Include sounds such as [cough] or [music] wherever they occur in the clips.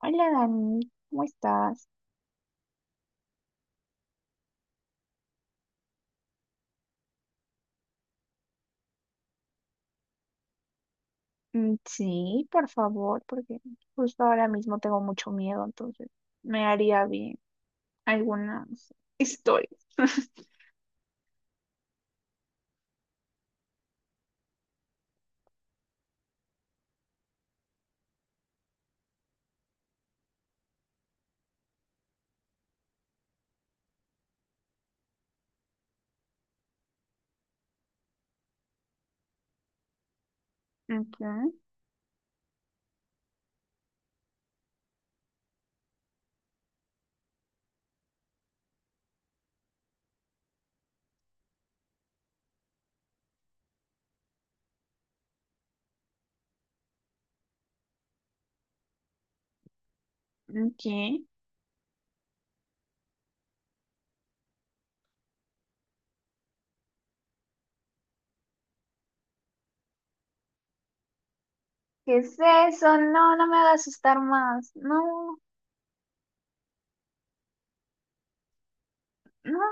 Hola Dani, ¿cómo estás? Mm, sí, por favor, porque justo ahora mismo tengo mucho miedo, entonces me haría bien algunas historias. [laughs] Ok, ok. ¿Qué es eso? No, no me hagas asustar más. No, no.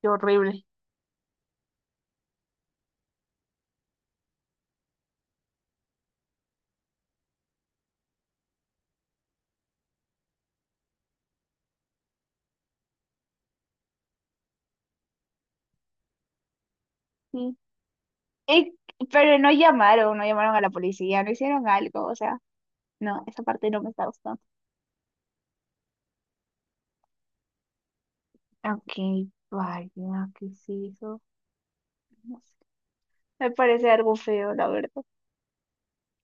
Qué horrible. Sí. Eh, pero no llamaron a la policía, no hicieron algo, o sea, no, esa parte no me está gustando. Ok, vaya, ¿qué es eso? No sé. Me parece algo feo, la verdad.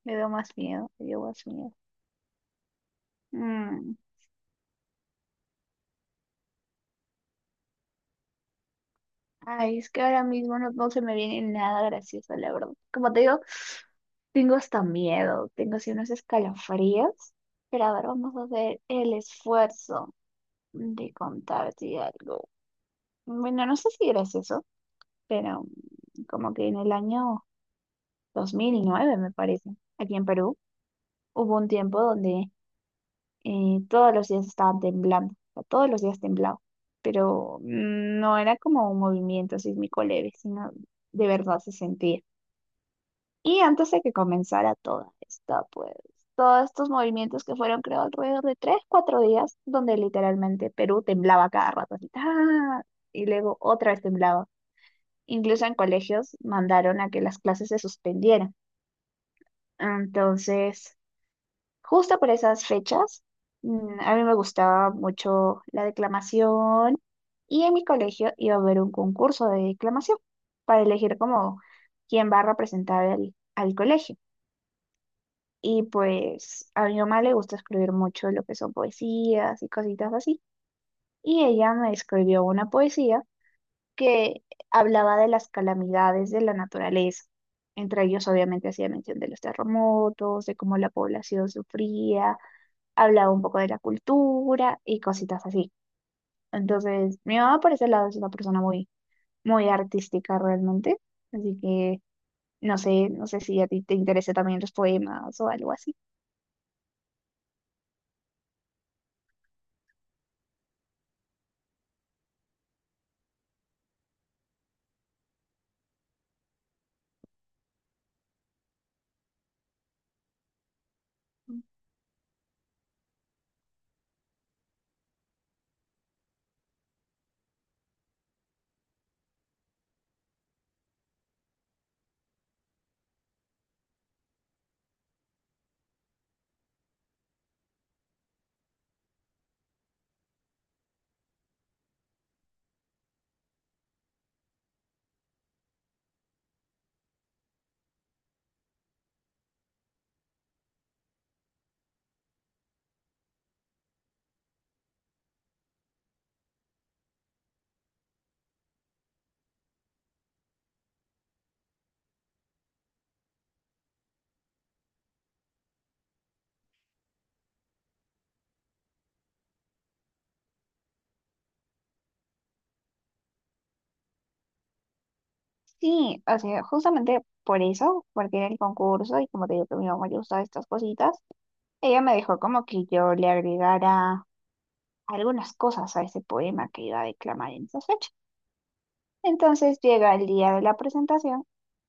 Me dio más miedo, me dio más miedo. Mm. Ay, es que ahora mismo no, no se me viene nada gracioso, la verdad. Como te digo, tengo hasta miedo, tengo así unos escalofríos. Pero a ver, vamos a hacer el esfuerzo de contarte algo. Bueno, no sé si gracioso, pero como que en el año 2009 me parece, aquí en Perú, hubo un tiempo donde todos los días estaban temblando, o sea, todos los días temblaba, pero no era como un movimiento sísmico leve, sino de verdad se sentía. Y antes de que comenzara toda esta, pues, todos estos movimientos que fueron, creo, alrededor de 3, 4 días, donde literalmente Perú temblaba cada rato, así, ¡ah! Y luego otra vez temblaba. Incluso en colegios mandaron a que las clases se suspendieran. Entonces, justo por esas fechas, mm, a mí me gustaba mucho la declamación, y en mi colegio iba a haber un concurso de declamación para elegir como quién va a representar al, al colegio. Y pues a mi mamá le gusta escribir mucho lo que son poesías y cositas así. Y ella me escribió una poesía que hablaba de las calamidades de la naturaleza. Entre ellos obviamente hacía mención de los terremotos, de cómo la población sufría, hablaba un poco de la cultura y cositas así. Entonces, mi mamá por ese lado es una persona muy, muy artística realmente. Así que no sé, no sé si a ti te interesa también los poemas o algo así. Sí, o sea, justamente por eso, porque era el concurso y como te digo que a mi mamá le gustaban estas cositas, ella me dejó como que yo le agregara algunas cosas a ese poema que iba a declamar en esa fecha. Entonces llega el día de la presentación,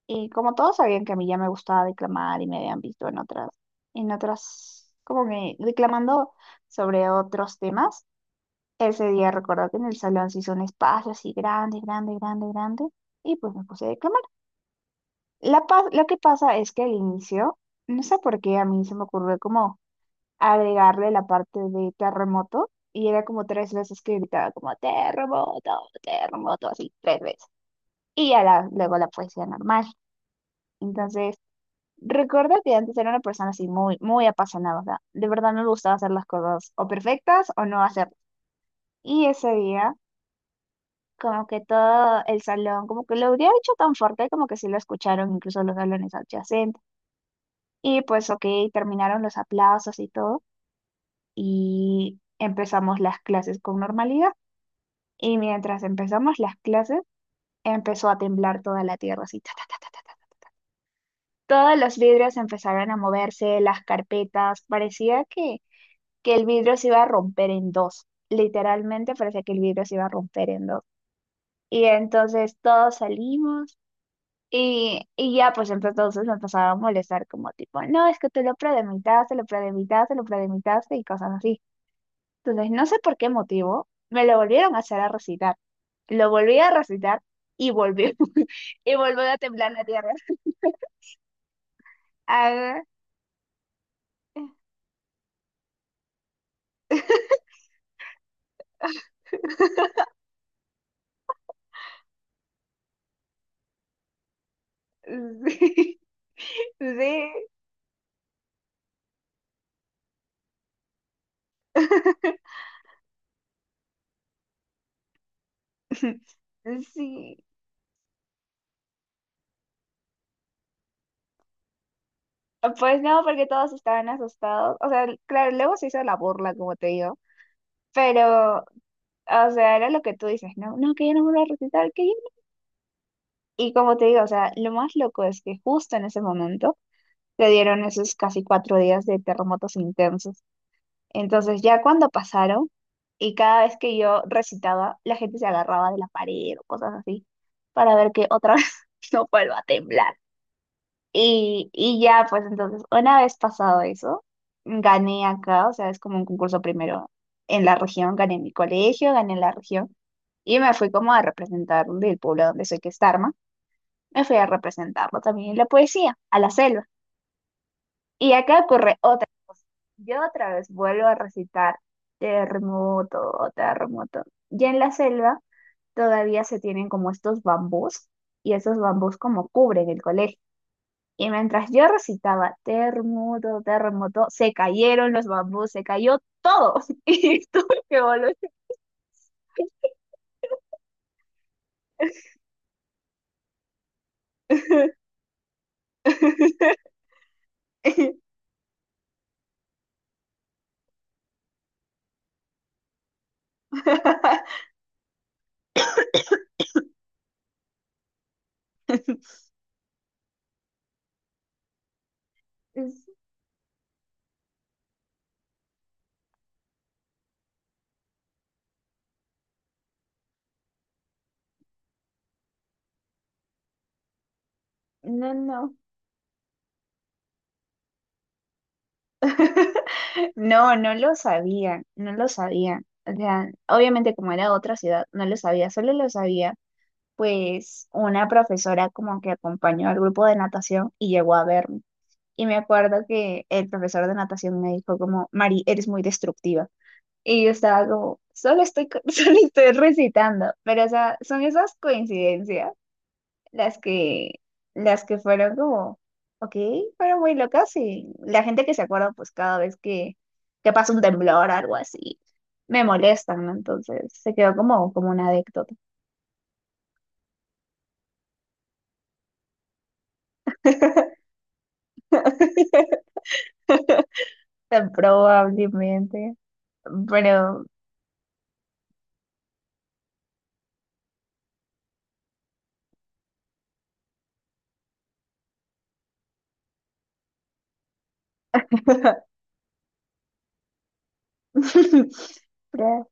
y como todos sabían que a mí ya me gustaba declamar y me habían visto en otras, como que declamando sobre otros temas, ese día recuerdo que en el salón se hizo un espacio así grande, grande, grande, grande, y pues me puse a declamar. Lo que pasa es que al inicio, no sé por qué a mí se me ocurrió como agregarle la parte de terremoto, y era como 3 veces que gritaba como terremoto, terremoto, así 3 veces. Y ya la, luego la poesía normal. Entonces, recuerdo que antes era una persona así muy, muy apasionada, o sea, de verdad no me gustaba hacer las cosas o perfectas o no hacerlas. Y ese día, como que todo el salón, como que lo habría hecho tan fuerte como que sí lo escucharon incluso los salones adyacentes. Y pues, ok, terminaron los aplausos y todo, y empezamos las clases con normalidad. Y mientras empezamos las clases, empezó a temblar toda la tierra, así, ta, ta, ta, ta, ta, ta. Todos los vidrios empezaron a moverse, las carpetas, parecía que el vidrio se iba a romper en dos. Literalmente parecía que el vidrio se iba a romper en dos. Y entonces todos salimos, y ya pues entonces me empezaba a molestar como tipo, no, es que tú lo predemitaste, lo predemitaste, lo predemitaste y cosas así. Entonces no sé por qué motivo me lo volvieron a hacer a recitar. Lo volví a recitar y volvió [laughs] y volvió a temblar la tierra. Ah, [laughs] sí, sí. [laughs] Sí, pues no, porque todos estaban asustados. O sea, claro, luego se hizo la burla, como te digo. Pero, o sea, era lo que tú dices, no, no, que yo no voy a recitar, que yo no. Y como te digo, o sea, lo más loco es que justo en ese momento le dieron esos casi 4 días de terremotos intensos. Entonces, ya cuando pasaron, y cada vez que yo recitaba, la gente se agarraba de la pared o cosas así, para ver que otra [laughs] vez no vuelva a temblar. Y ya, pues entonces, una vez pasado eso, gané acá, o sea, es como un concurso primero en la región, gané en mi colegio, gané en la región, y me fui como a representar del pueblo donde soy, que es Tarma, me fui a representarlo también en la poesía, a la selva. Y acá ocurre otra, yo otra vez vuelvo a recitar terremoto, terremoto. Ya en la selva todavía se tienen como estos bambús, y esos bambús como cubren el colegio. Y mientras yo recitaba terremoto, terremoto, se cayeron los bambús, se cayó todo. [laughs] Y tuve que volver. [laughs] No, no. [laughs] No, no lo sabían, no lo sabían. O sea, obviamente como era otra ciudad, no lo sabía, solo lo sabía pues una profesora como que acompañó al grupo de natación y llegó a verme. Y me acuerdo que el profesor de natación me dijo como, Mari, eres muy destructiva. Y yo estaba como, solo estoy, [laughs] solo estoy recitando. Pero, o sea, son esas coincidencias las que, las que fueron como, ok, fueron muy locas, y la gente que se acuerda, pues cada vez que pasa un temblor o algo así, me molestan, ¿no? Entonces se quedó como, como una anécdota. [laughs] Probablemente, pero... [laughs] pero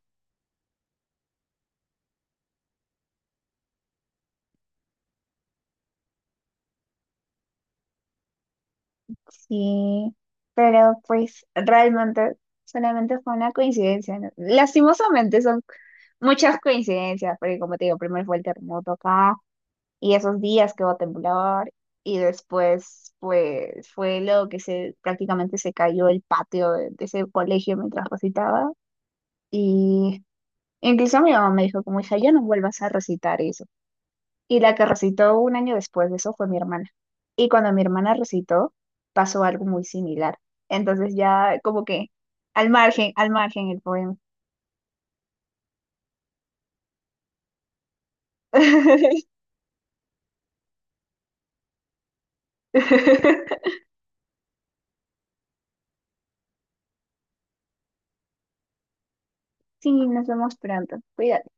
sí, pero pues realmente solamente fue una coincidencia, ¿no? Lastimosamente son muchas coincidencias, porque como te digo, primero fue el terremoto acá y esos días que hubo temblar, y después pues fue lo que se prácticamente se cayó el patio de ese colegio mientras recitaba, y incluso mi mamá me dijo como hija, ya no vuelvas a recitar, y la que recitó un año después de eso fue mi hermana. Y cuando mi hermana recitó, pasó algo muy similar. Entonces ya como que al margen el poema. [laughs] Sí, nos vemos pronto. Cuídate.